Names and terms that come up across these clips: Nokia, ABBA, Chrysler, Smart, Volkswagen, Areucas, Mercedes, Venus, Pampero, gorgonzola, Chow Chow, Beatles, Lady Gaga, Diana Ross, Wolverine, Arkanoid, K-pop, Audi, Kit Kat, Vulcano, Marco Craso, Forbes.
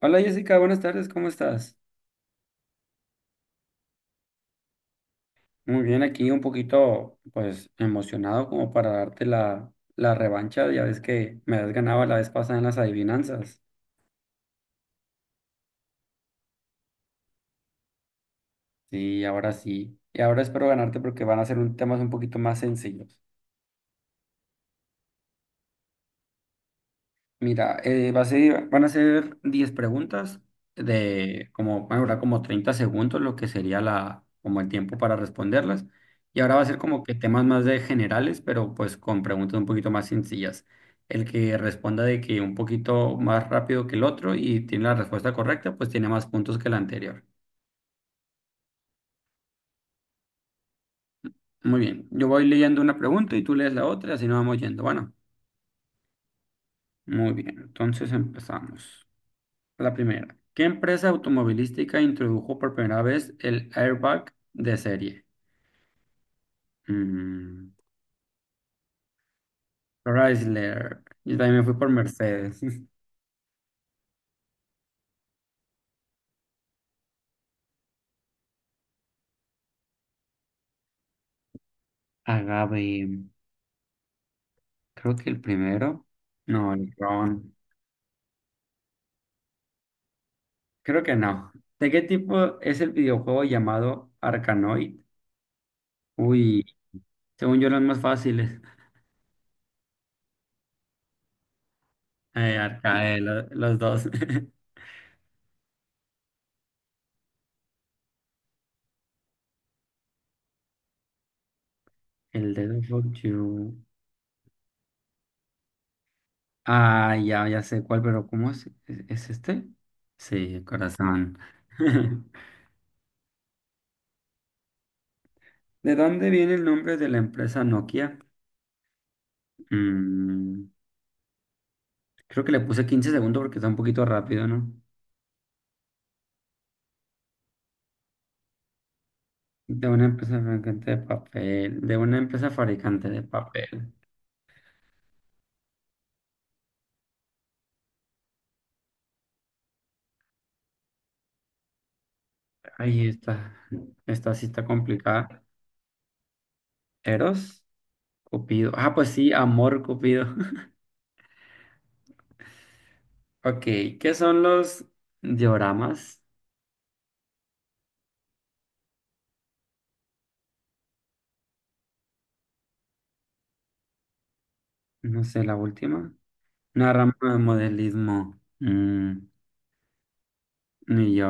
Hola Jessica, buenas tardes, ¿cómo estás? Muy bien, aquí un poquito pues emocionado como para darte la revancha, ya ves que me has ganado la vez pasada en las adivinanzas. Sí, ahora sí. Y ahora espero ganarte porque van a ser temas un poquito más sencillos. Mira, van a ser 10 preguntas de como, van a durar como 30 segundos, lo que sería como el tiempo para responderlas. Y ahora va a ser como que temas más de generales, pero pues con preguntas un poquito más sencillas. El que responda de que un poquito más rápido que el otro y tiene la respuesta correcta, pues tiene más puntos que la anterior. Muy bien, yo voy leyendo una pregunta y tú lees la otra, así nos vamos yendo. Bueno, muy bien, entonces empezamos. La primera, ¿qué empresa automovilística introdujo por primera vez el airbag de serie? Mm, Chrysler. Yo también me fui por Mercedes. Agave, creo que el primero. No, el Ron. Creo que no. ¿De qué tipo es el videojuego llamado Arkanoid? Uy, según yo los más fáciles. Arcae, los dos. El Dead of You. Ah, ya, ya sé cuál, pero ¿cómo es? ¿Es este? Sí, corazón. ¿De dónde viene el nombre de la empresa Nokia? Mm, creo que le puse 15 segundos porque está un poquito rápido, ¿no? De una empresa fabricante de papel, de una empresa fabricante de papel. Ahí está, esta sí está complicada. Eros, Cupido. Ah, pues sí, amor, Cupido. Ok, ¿qué son los dioramas? No sé, la última. Una rama de modelismo. Ni yo.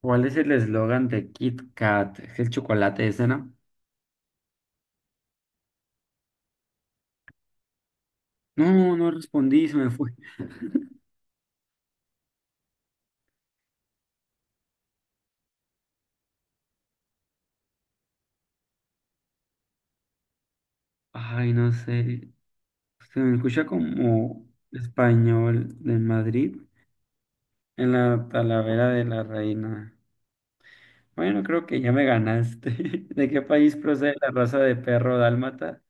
¿Cuál es el eslogan de Kit Kat? ¿Es el chocolate ese, no? No, no respondí, se me fue. Ay, no sé. Se me escucha como español de Madrid en la Talavera de la Reina. Bueno, creo que ya me ganaste. ¿De qué país procede la raza de perro dálmata?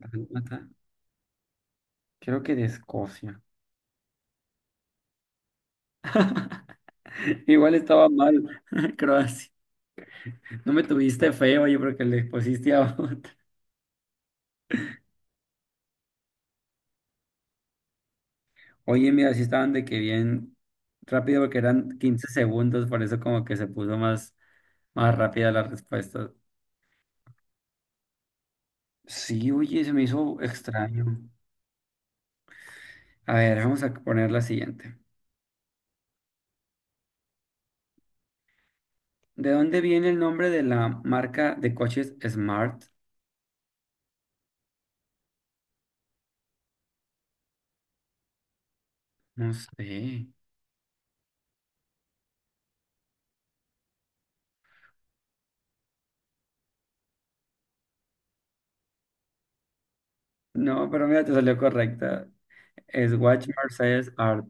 ¿Dálmata? Creo que de Escocia. Igual estaba mal, Croacia. No me tuviste feo, yo creo que le pusiste a otro. Oye, mira, sí estaban de que bien rápido porque eran 15 segundos, por eso como que se puso más rápida la respuesta. Sí, oye, se me hizo extraño. A ver, vamos a poner la siguiente. ¿De dónde viene el nombre de la marca de coches Smart? No sé. No, pero mira, te salió correcta. Es Watch Mercedes Art.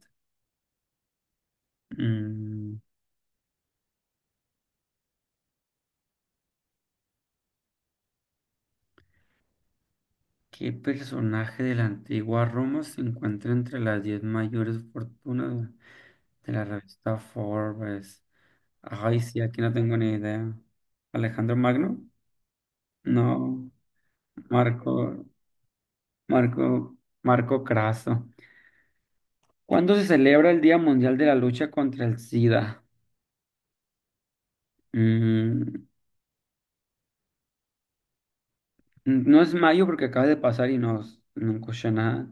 Mm, ¿Qué personaje de la antigua Roma se encuentra entre las 10 mayores fortunas de la revista Forbes? Ay, sí, aquí no tengo ni idea. Alejandro Magno, no, Marco, Marco, Marco Craso. ¿Cuándo se celebra el Día Mundial de la Lucha contra el SIDA? Mm, no es mayo porque acaba de pasar y no escuché nada.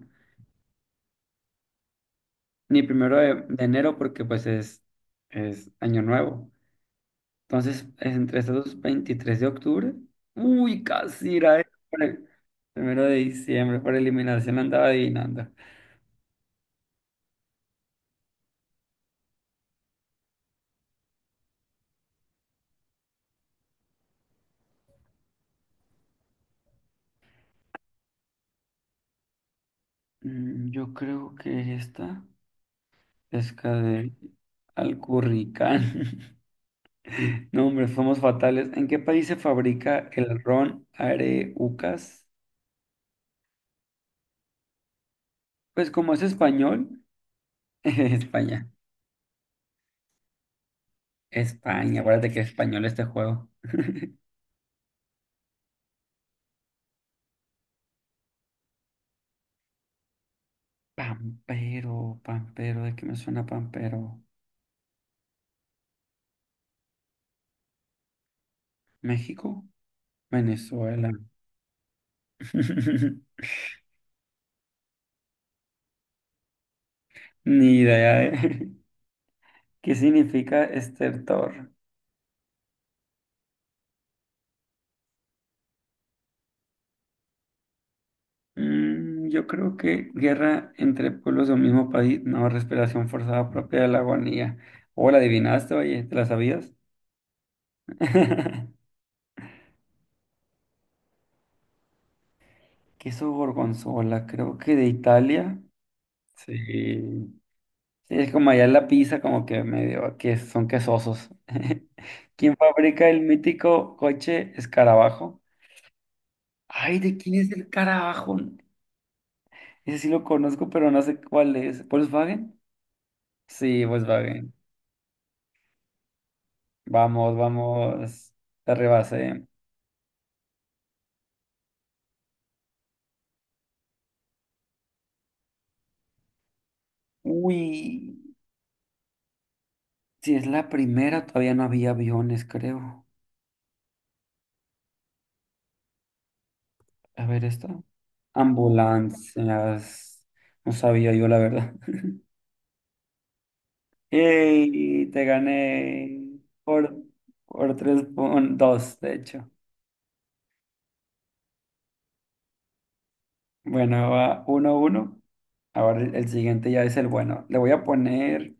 Ni primero de enero porque pues es año nuevo. Entonces, es entre estos dos, 23 de octubre. Uy, casi era el primero de diciembre, por eliminación andaba adivinando. Yo creo que esta pesca de curricán. No, hombre, somos fatales. ¿En qué país se fabrica el ron Areucas? Pues como es español, España. España, acuérdate que es español este juego. Pampero, Pampero, ¿de qué me suena Pampero? ¿México? Venezuela. Ni idea, ¿eh? ¿Qué significa estertor? Yo creo que guerra entre pueblos de un mismo país, no, respiración forzada propia de la agonía. O la adivinaste, oye, ¿te la sabías? Queso gorgonzola, creo que de Italia. Sí. Sí, es como allá en la pizza, como que medio que son quesosos. ¿Quién fabrica el mítico coche escarabajo? Ay, ¿de quién es el carabajo? Ese sí lo conozco, pero no sé cuál es. ¿Volkswagen? Sí, Volkswagen. Vamos, vamos, te rebasé. Uy, si es la primera, todavía no había aviones, creo. A ver, esta. Ambulancias. No sabía yo, la verdad. ¡Ey! Te gané por tres puntos, de hecho. Bueno, va 1-1. Ahora el siguiente ya es el bueno. Le voy a poner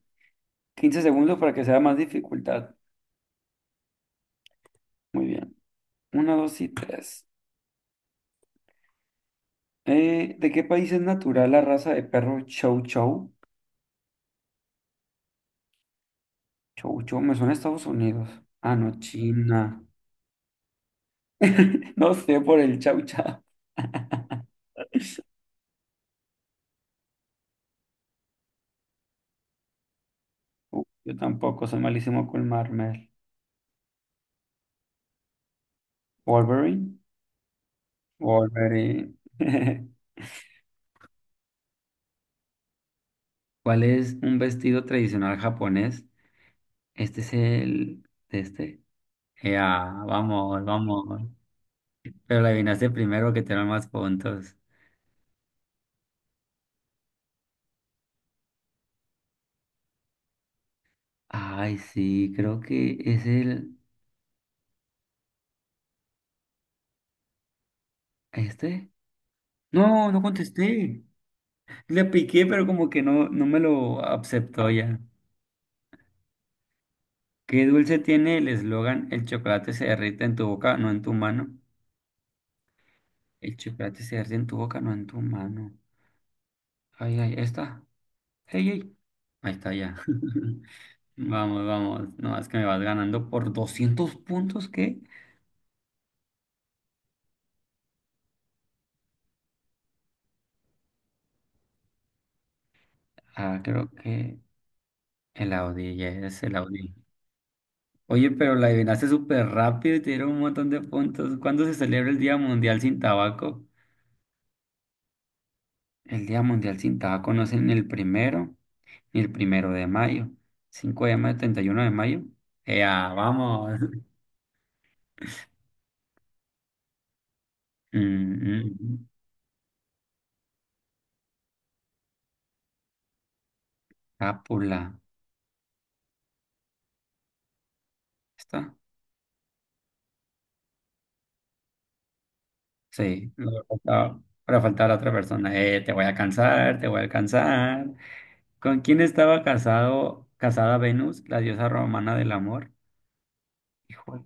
15 segundos para que sea más dificultad. Muy bien. Uno, dos y tres. ¿De qué país es natural la raza de perro Chow Chow? Chow Chow, me suena a Estados Unidos. Ah, no, China. No sé por el Chow Chow. Yo tampoco, soy malísimo con Marmel. Wolverine. Wolverine. ¿Cuál es un vestido tradicional japonés? Este es el de este. Ya, vamos, vamos. Pero la adivinaste primero que te dan más puntos. Ay, sí, creo que es el. ¿Este? No, no contesté. Le piqué, pero como que no me lo aceptó ya. ¿Qué dulce tiene el eslogan? El chocolate se derrite en tu boca, no en tu mano. El chocolate se derrite en tu boca, no en tu mano. Ay, ay, ahí está. Ey, ey. Ahí está ya. Vamos, vamos. No, es que me vas ganando por 200 puntos, ¿qué? Ah, creo que el Audi, ya es el Audi. Oye, pero la adivinaste súper rápido y te dieron un montón de puntos. ¿Cuándo se celebra el Día Mundial sin Tabaco? El Día Mundial sin Tabaco no es en el primero, ni el primero de mayo. 5 de mayo, 31 de mayo. ¡Ea, vamos! Mm, mm, Cápula. ¿Está? Sí. no faltaba- Para faltar la otra persona. Te voy a cansar, te voy a alcanzar. ¿Con quién estaba casado, casada Venus, la diosa romana del amor? Híjole.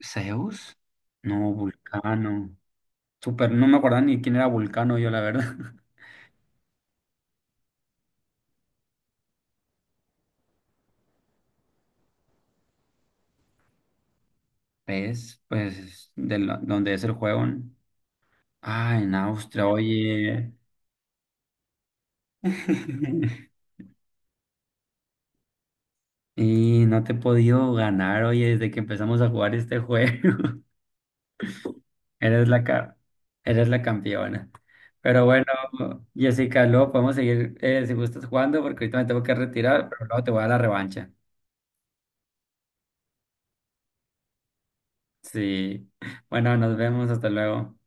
¿Zeus? No, Vulcano. Super, no me acuerdo ni quién era Vulcano yo, la verdad. ¿Ves? Pues donde es el juego, ¿no? Ah, en Austria, oye. Y no te he podido ganar, oye, desde que empezamos a jugar este juego. Eres la ca- eres la campeona. Pero bueno, Jessica, luego podemos seguir si gustas jugando, porque ahorita me tengo que retirar, pero luego te voy a dar la revancha. Sí. Bueno, nos vemos, hasta luego.